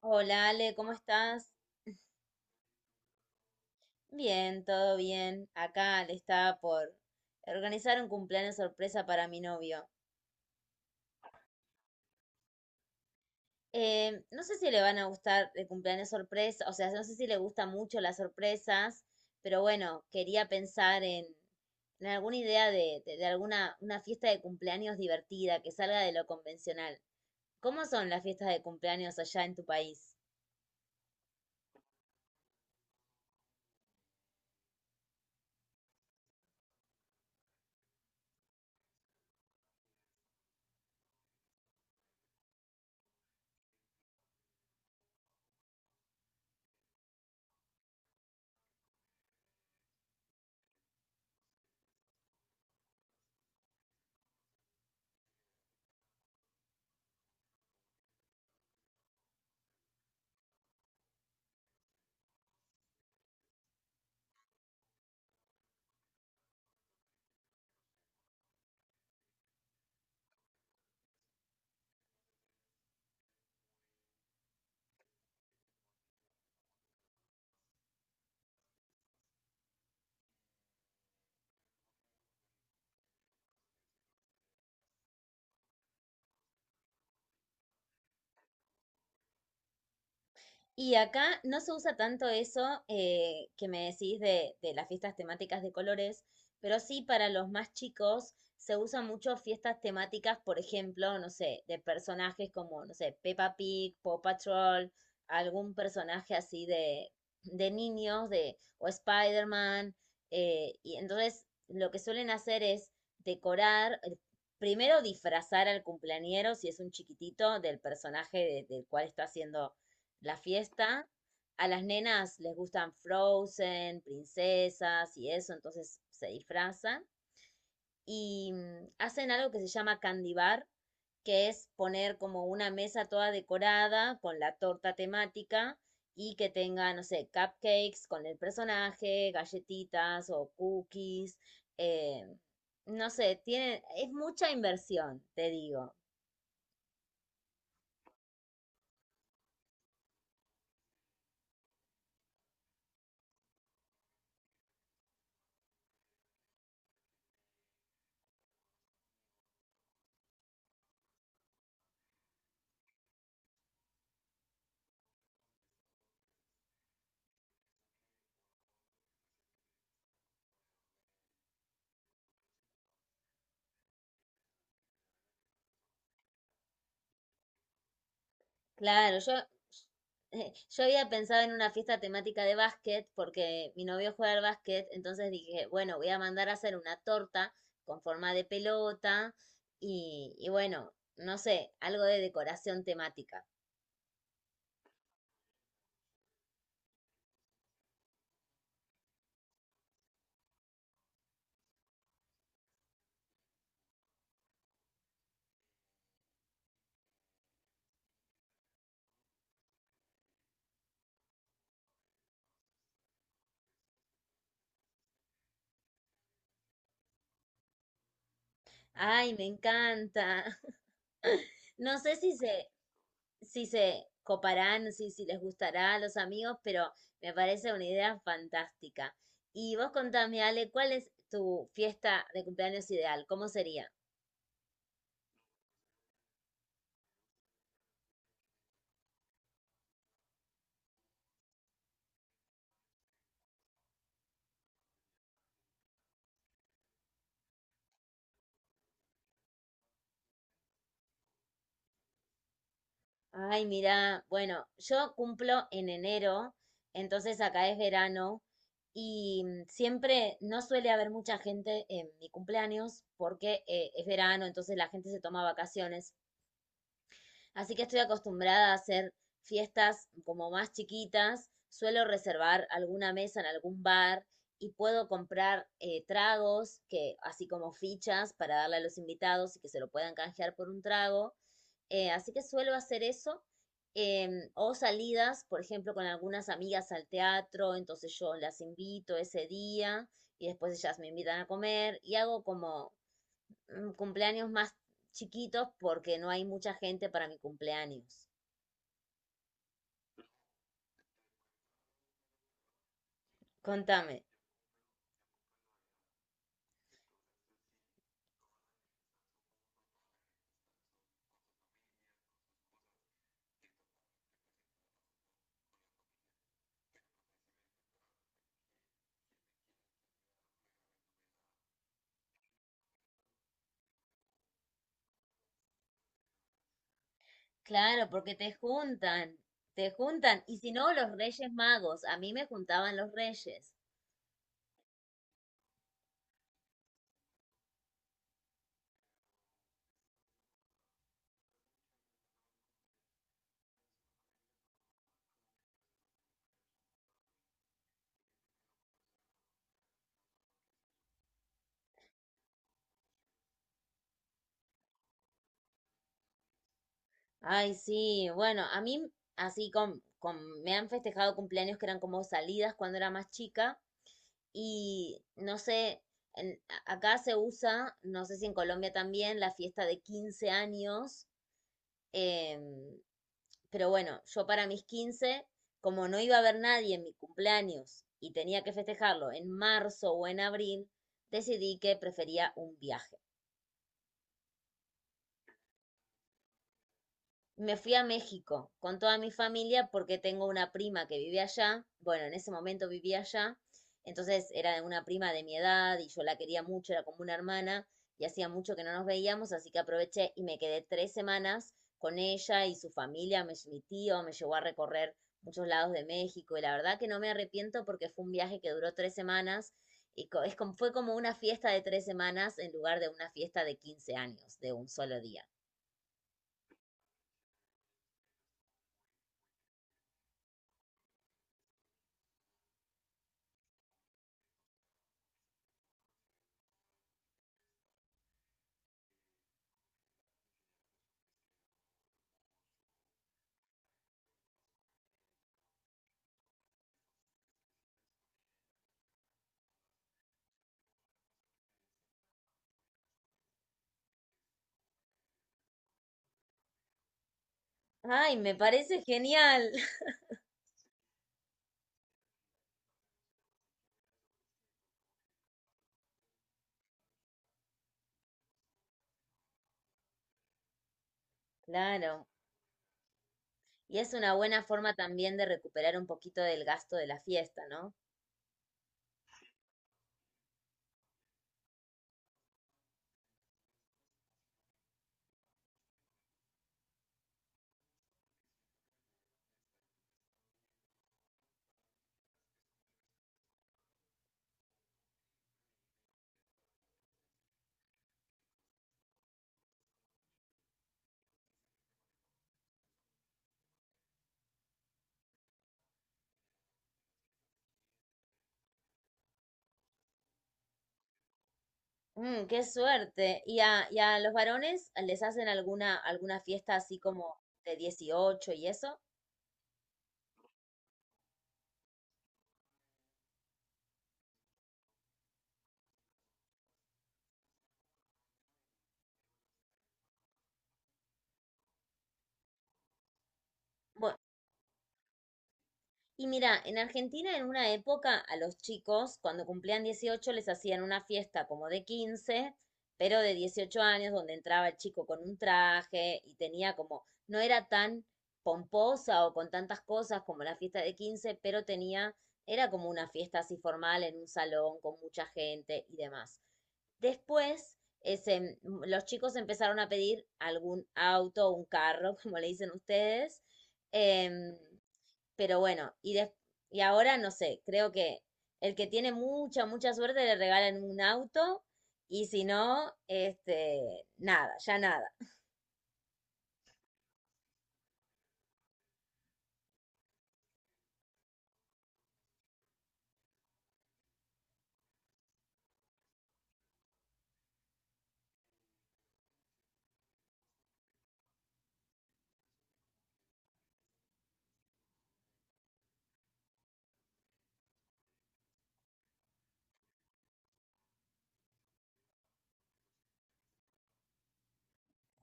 Hola Ale, ¿cómo estás? Bien, todo bien. Acá le estaba por organizar un cumpleaños sorpresa para mi novio. No sé si le van a gustar el cumpleaños sorpresa, o sea, no sé si le gustan mucho las sorpresas, pero bueno, quería pensar en alguna idea de alguna una fiesta de cumpleaños divertida que salga de lo convencional. ¿Cómo son las fiestas de cumpleaños allá en tu país? Y acá no se usa tanto eso, que me decís de las fiestas temáticas de colores, pero sí para los más chicos se usan mucho fiestas temáticas, por ejemplo, no sé, de personajes como, no sé, Peppa Pig, Paw Patrol, algún personaje así de, niños, o Spider-Man. Y entonces lo que suelen hacer es decorar, primero disfrazar al cumpleañero, si es un chiquitito, del personaje del cual está haciendo la fiesta. A las nenas les gustan Frozen, princesas y eso, entonces se disfrazan y hacen algo que se llama candy bar, que es poner como una mesa toda decorada con la torta temática y que tenga, no sé, cupcakes con el personaje, galletitas o cookies. eh, no sé, tiene, es mucha inversión, te digo. Claro, yo había pensado en una fiesta temática de básquet porque mi novio juega al básquet, entonces dije, bueno, voy a mandar a hacer una torta con forma de pelota y bueno, no sé, algo de decoración temática. Ay, me encanta. No sé si se coparán, si les gustará a los amigos, pero me parece una idea fantástica. Y vos contame, Ale, ¿cuál es tu fiesta de cumpleaños ideal? ¿Cómo sería? Ay, mira, bueno, yo cumplo en enero, entonces acá es verano y siempre no suele haber mucha gente en mi cumpleaños porque es verano, entonces la gente se toma vacaciones. Así que estoy acostumbrada a hacer fiestas como más chiquitas. Suelo reservar alguna mesa en algún bar y puedo comprar tragos, que, así como fichas para darle a los invitados y que se lo puedan canjear por un trago. Así que suelo hacer eso. O salidas, por ejemplo, con algunas amigas al teatro, entonces yo las invito ese día y después ellas me invitan a comer y hago como cumpleaños más chiquitos porque no hay mucha gente para mi cumpleaños. Contame. Claro, porque te juntan, te juntan. Y si no, los Reyes Magos. A mí me juntaban los Reyes. Ay, sí, bueno, a mí así con me han festejado cumpleaños que eran como salidas cuando era más chica. Y no sé, en- acá se usa, no sé si en Colombia también, la fiesta de 15 años. Em, pero bueno, yo para mis 15, como no iba a haber nadie en mi cumpleaños y tenía que festejarlo en marzo o en abril, decidí que prefería un viaje. Me fui a México con toda mi familia porque tengo una prima que vive allá. Bueno, en ese momento vivía allá. Entonces era una prima de mi edad y yo la quería mucho, era como una hermana y hacía mucho que no nos veíamos, así que aproveché y me quedé 3 semanas con ella y su familia. Me, mi tío me llevó a recorrer muchos lados de México y la verdad que no me arrepiento porque fue un viaje que duró 3 semanas y es como, fue como una fiesta de 3 semanas en lugar de una fiesta de 15 años, de un solo día. Ay, me parece genial. Claro. Y es una buena forma también de recuperar un poquito del gasto de la fiesta, ¿no? Mm, qué suerte. ¿Y a los varones les hacen alguna fiesta así como de 18 y eso? Bu- Y mira, en Argentina en una época a los chicos cuando cumplían 18 les hacían una fiesta como de 15 pero de 18 años, donde entraba el chico con un traje y tenía como, no era tan pomposa o con tantas cosas como la fiesta de 15 pero tenía, era como una fiesta así formal en un salón con mucha gente y demás. Después, ese, los chicos empezaron a pedir algún auto, un carro, como le dicen ustedes. em, pero bueno, y ahora no sé, creo que el que tiene mucha, mucha suerte le regalan un auto y si no, este, nada, ya nada.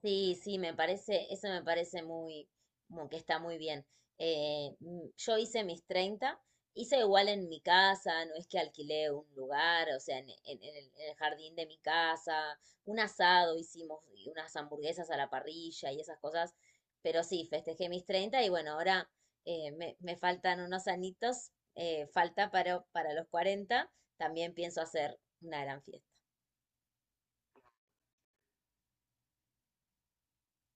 Sí, sí, eso me parece muy, como que está muy bien. Yo hice mis 30, hice igual en mi casa, no es que alquilé un lugar, o sea, en el jardín de mi casa, un asado hicimos y unas hamburguesas a la parrilla y esas cosas, pero sí, festejé mis 30 y bueno, ahora, me faltan unos anitos, falta para los 40, también pienso hacer una gran fiesta.